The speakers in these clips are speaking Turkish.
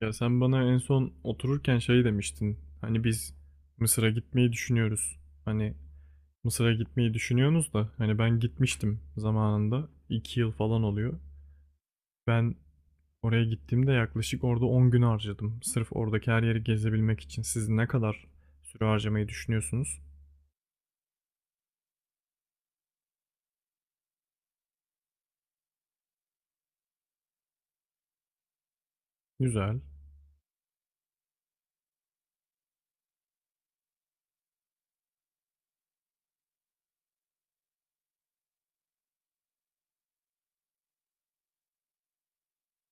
Ya sen bana en son otururken şey demiştin. Hani biz Mısır'a gitmeyi düşünüyoruz. Hani Mısır'a gitmeyi düşünüyorsunuz da hani ben gitmiştim zamanında. 2 yıl falan oluyor. Ben oraya gittiğimde yaklaşık orada 10 gün harcadım. Sırf oradaki her yeri gezebilmek için. Siz ne kadar süre harcamayı düşünüyorsunuz? Güzel.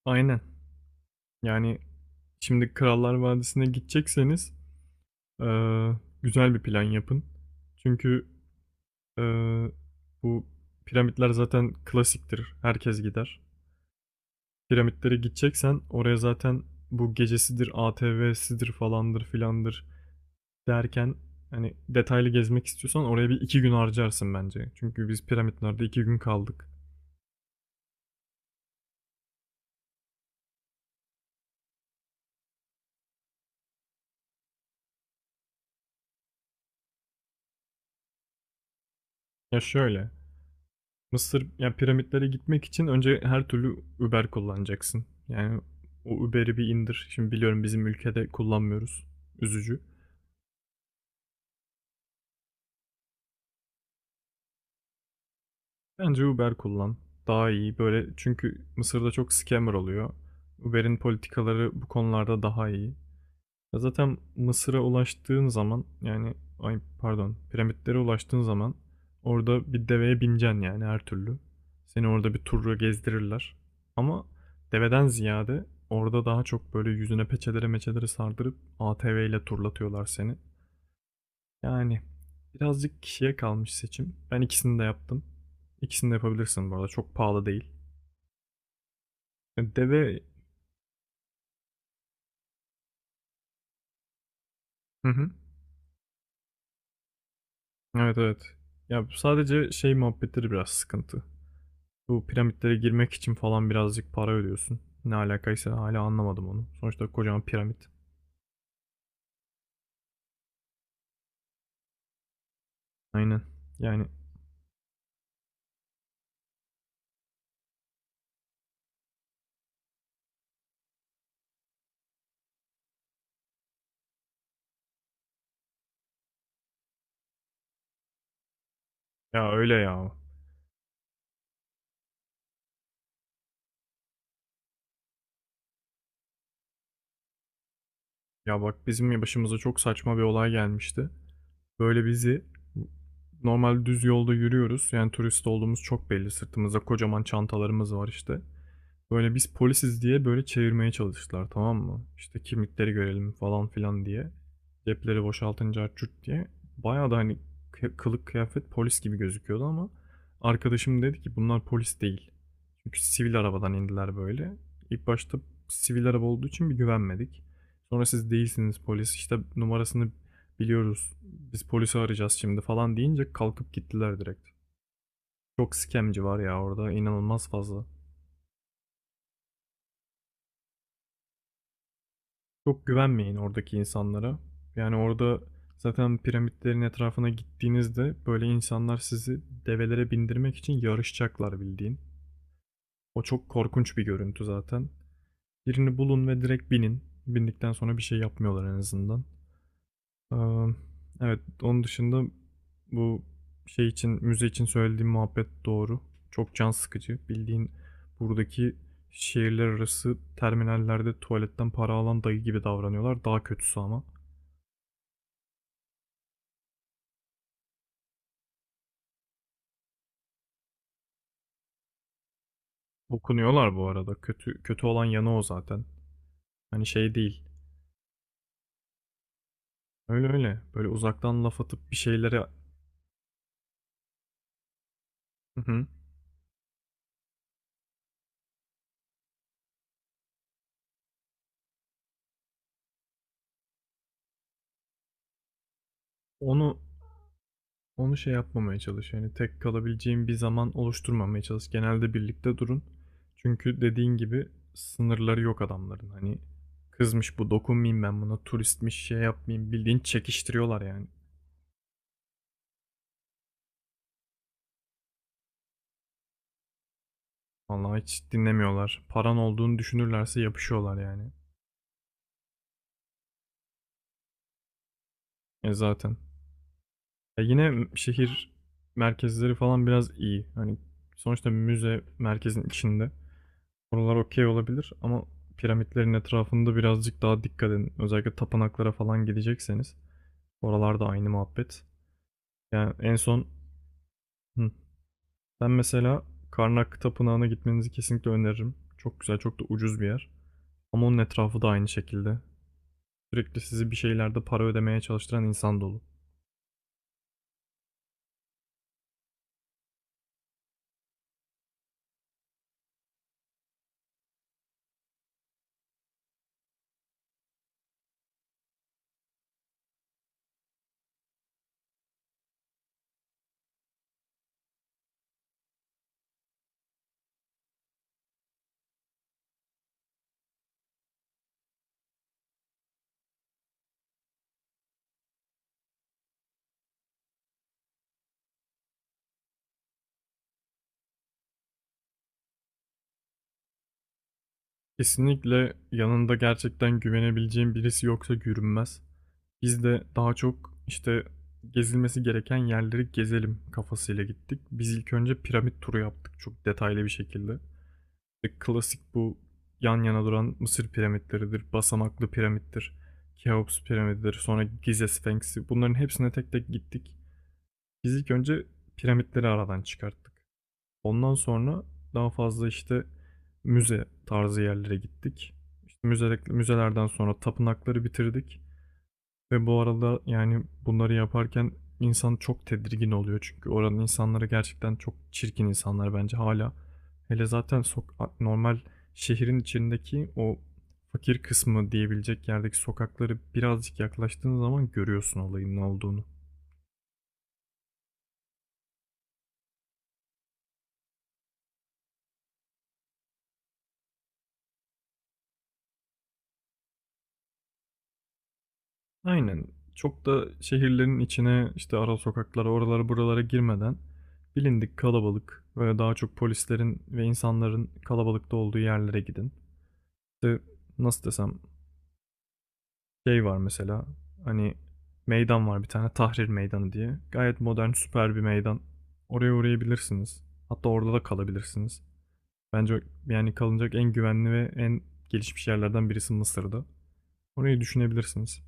Aynen. Yani şimdi Krallar Vadisi'ne gidecekseniz eee, güzel bir plan yapın. Çünkü Ee, bu piramitler zaten klasiktir. Herkes gider. Piramitlere gideceksen oraya zaten bu gecesidir, ATV'sidir falandır filandır derken hani detaylı gezmek istiyorsan oraya 1 2 gün harcarsın bence. Çünkü biz piramitlerde 2 gün kaldık. Ya şöyle. Mısır ya piramitlere gitmek için önce her türlü Uber kullanacaksın. Yani o Uber'i bir indir. Şimdi biliyorum bizim ülkede kullanmıyoruz. Üzücü. Bence Uber kullan. Daha iyi böyle çünkü Mısır'da çok scammer oluyor. Uber'in politikaları bu konularda daha iyi. Ya zaten Mısır'a ulaştığın zaman yani ay pardon piramitlere ulaştığın zaman orada bir deveye bineceksin yani her türlü. Seni orada bir turla gezdirirler. Ama deveden ziyade orada daha çok böyle yüzüne peçelere meçelere sardırıp ATV ile turlatıyorlar seni. Yani birazcık kişiye kalmış seçim. Ben ikisini de yaptım. İkisini de yapabilirsin bu arada. Çok pahalı değil. Deve... Hı hı. Evet evet. Ya sadece şey muhabbetleri biraz sıkıntı. Bu piramitlere girmek için falan birazcık para ödüyorsun. Ne alakaysa hala anlamadım onu. Sonuçta kocaman piramit. Aynen. Yani ya öyle ya. Ya bak bizim başımıza çok saçma bir olay gelmişti. Böyle bizi normal düz yolda yürüyoruz. Yani turist olduğumuz çok belli. Sırtımızda kocaman çantalarımız var işte. Böyle biz polisiz diye böyle çevirmeye çalıştılar, tamam mı? İşte kimlikleri görelim falan filan diye. Cepleri boşaltınca açut diye. Bayağı da hani kılık kıyafet polis gibi gözüküyordu ama arkadaşım dedi ki bunlar polis değil. Çünkü sivil arabadan indiler böyle. İlk başta sivil araba olduğu için bir güvenmedik. Sonra siz değilsiniz polis, işte numarasını biliyoruz biz, polisi arayacağız şimdi falan deyince kalkıp gittiler direkt. Çok skemci var ya orada, inanılmaz fazla. Çok güvenmeyin oradaki insanlara. Yani orada zaten piramitlerin etrafına gittiğinizde böyle insanlar sizi develere bindirmek için yarışacaklar bildiğin. O çok korkunç bir görüntü zaten. Birini bulun ve direkt binin. Bindikten sonra bir şey yapmıyorlar en azından. Ee, evet onun dışında bu şey için müze için söylediğim muhabbet doğru. Çok can sıkıcı. Bildiğin buradaki şehirler arası terminallerde tuvaletten para alan dayı gibi davranıyorlar. Daha kötüsü ama. Okunuyorlar bu arada. Kötü kötü olan yanı o zaten. Hani şey değil. Öyle öyle. Böyle uzaktan laf atıp bir şeylere. Hı hı. onu onu şey yapmamaya çalış. Yani tek kalabileceğim bir zaman oluşturmamaya çalış. Genelde birlikte durun. Çünkü dediğin gibi sınırları yok adamların. Hani kızmış bu dokunmayayım ben buna, turistmiş şey yapmayayım, bildiğin çekiştiriyorlar yani. Vallahi hiç dinlemiyorlar. Paran olduğunu düşünürlerse yapışıyorlar yani. E zaten. Ya yine şehir merkezleri falan biraz iyi. Hani sonuçta müze merkezin içinde. Oralar okey olabilir ama piramitlerin etrafında birazcık daha dikkat edin. Özellikle tapınaklara falan gidecekseniz. Oralarda aynı muhabbet. Yani en son hı, ben mesela Karnak Tapınağı'na gitmenizi kesinlikle öneririm. Çok güzel, çok da ucuz bir yer. Ama onun etrafı da aynı şekilde. Sürekli sizi bir şeylerde para ödemeye çalıştıran insan dolu. Kesinlikle yanında gerçekten güvenebileceğin birisi yoksa yürünmez. Biz de daha çok işte gezilmesi gereken yerleri gezelim kafasıyla gittik. Biz ilk önce piramit turu yaptık çok detaylı bir şekilde. İşte klasik bu yan yana duran Mısır piramitleridir, basamaklı piramittir, Keops piramididir, sonra Gize Sphinx'i. Bunların hepsine tek tek gittik. Biz ilk önce piramitleri aradan çıkarttık. Ondan sonra daha fazla işte müze tarzı yerlere gittik. İşte müzelerden sonra tapınakları bitirdik. Ve bu arada yani bunları yaparken insan çok tedirgin oluyor. Çünkü oranın insanları gerçekten çok çirkin insanlar bence hala. Hele zaten sok normal şehrin içindeki o fakir kısmı diyebilecek yerdeki sokakları birazcık yaklaştığın zaman görüyorsun olayın ne olduğunu. Aynen. Çok da şehirlerin içine işte ara sokaklara oralara buralara girmeden bilindik kalabalık böyle daha çok polislerin ve insanların kalabalıkta olduğu yerlere gidin. İşte nasıl desem. Şey var mesela, hani meydan var bir tane, Tahrir Meydanı diye. Gayet modern süper bir meydan. Oraya uğrayabilirsiniz. Hatta orada da kalabilirsiniz. Bence yani kalınacak en güvenli ve en gelişmiş yerlerden birisi Mısır'da. Orayı düşünebilirsiniz.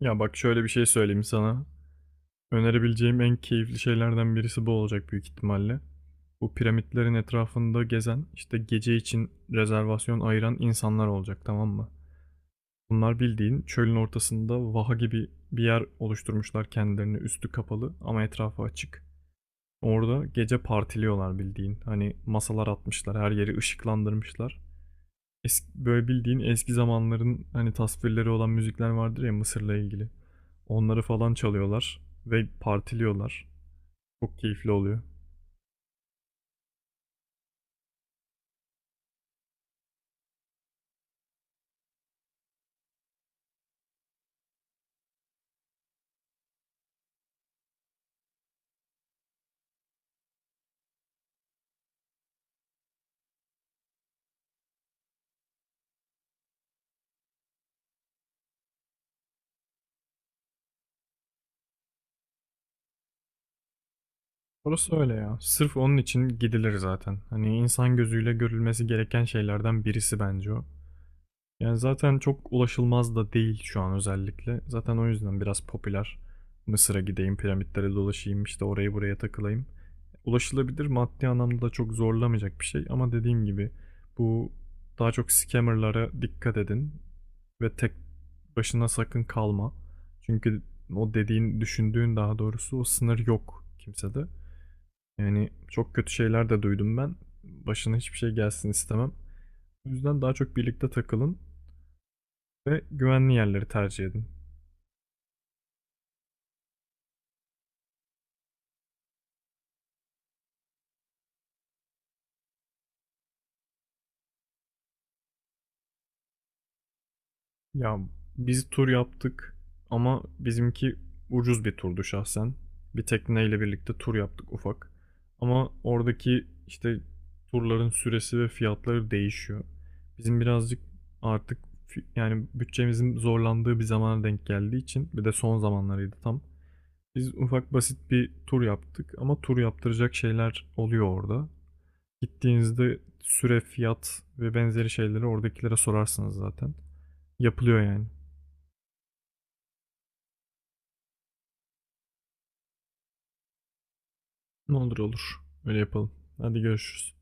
Ya bak şöyle bir şey söyleyeyim sana. Önerebileceğim en keyifli şeylerden birisi bu olacak büyük ihtimalle. Bu piramitlerin etrafında gezen işte gece için rezervasyon ayıran insanlar olacak, tamam mı? Bunlar bildiğin çölün ortasında vaha gibi bir yer oluşturmuşlar kendilerini, üstü kapalı ama etrafı açık. Orada gece partiliyorlar bildiğin. Hani masalar atmışlar, her yeri ışıklandırmışlar. Eski, böyle bildiğin eski zamanların hani tasvirleri olan müzikler vardır ya Mısır'la ilgili. Onları falan çalıyorlar ve partiliyorlar. Çok keyifli oluyor. Orası öyle ya. Sırf onun için gidilir zaten. Hani insan gözüyle görülmesi gereken şeylerden birisi bence o. Yani, zaten çok ulaşılmaz da değil şu an özellikle. Zaten o yüzden biraz popüler. Mısır'a gideyim, piramitlere dolaşayım, işte orayı buraya takılayım. Ulaşılabilir, maddi anlamda da çok zorlamayacak bir şey ama dediğim gibi bu daha çok scammer'lara dikkat edin ve tek başına sakın kalma. Çünkü o dediğin, düşündüğün daha doğrusu, o sınır yok kimsede. Yani çok kötü şeyler de duydum ben. Başına hiçbir şey gelsin istemem. O yüzden daha çok birlikte takılın. Ve güvenli yerleri tercih edin. Ya biz tur yaptık ama bizimki ucuz bir turdu şahsen. Bir tekneyle birlikte tur yaptık ufak. Ama oradaki işte turların süresi ve fiyatları değişiyor. Bizim birazcık artık yani bütçemizin zorlandığı bir zamana denk geldiği için, bir de son zamanlarıydı tam. Biz ufak basit bir tur yaptık ama tur yaptıracak şeyler oluyor orada. Gittiğinizde süre, fiyat ve benzeri şeyleri oradakilere sorarsınız zaten. Yapılıyor yani. Ne olur olur. Öyle yapalım. Hadi görüşürüz.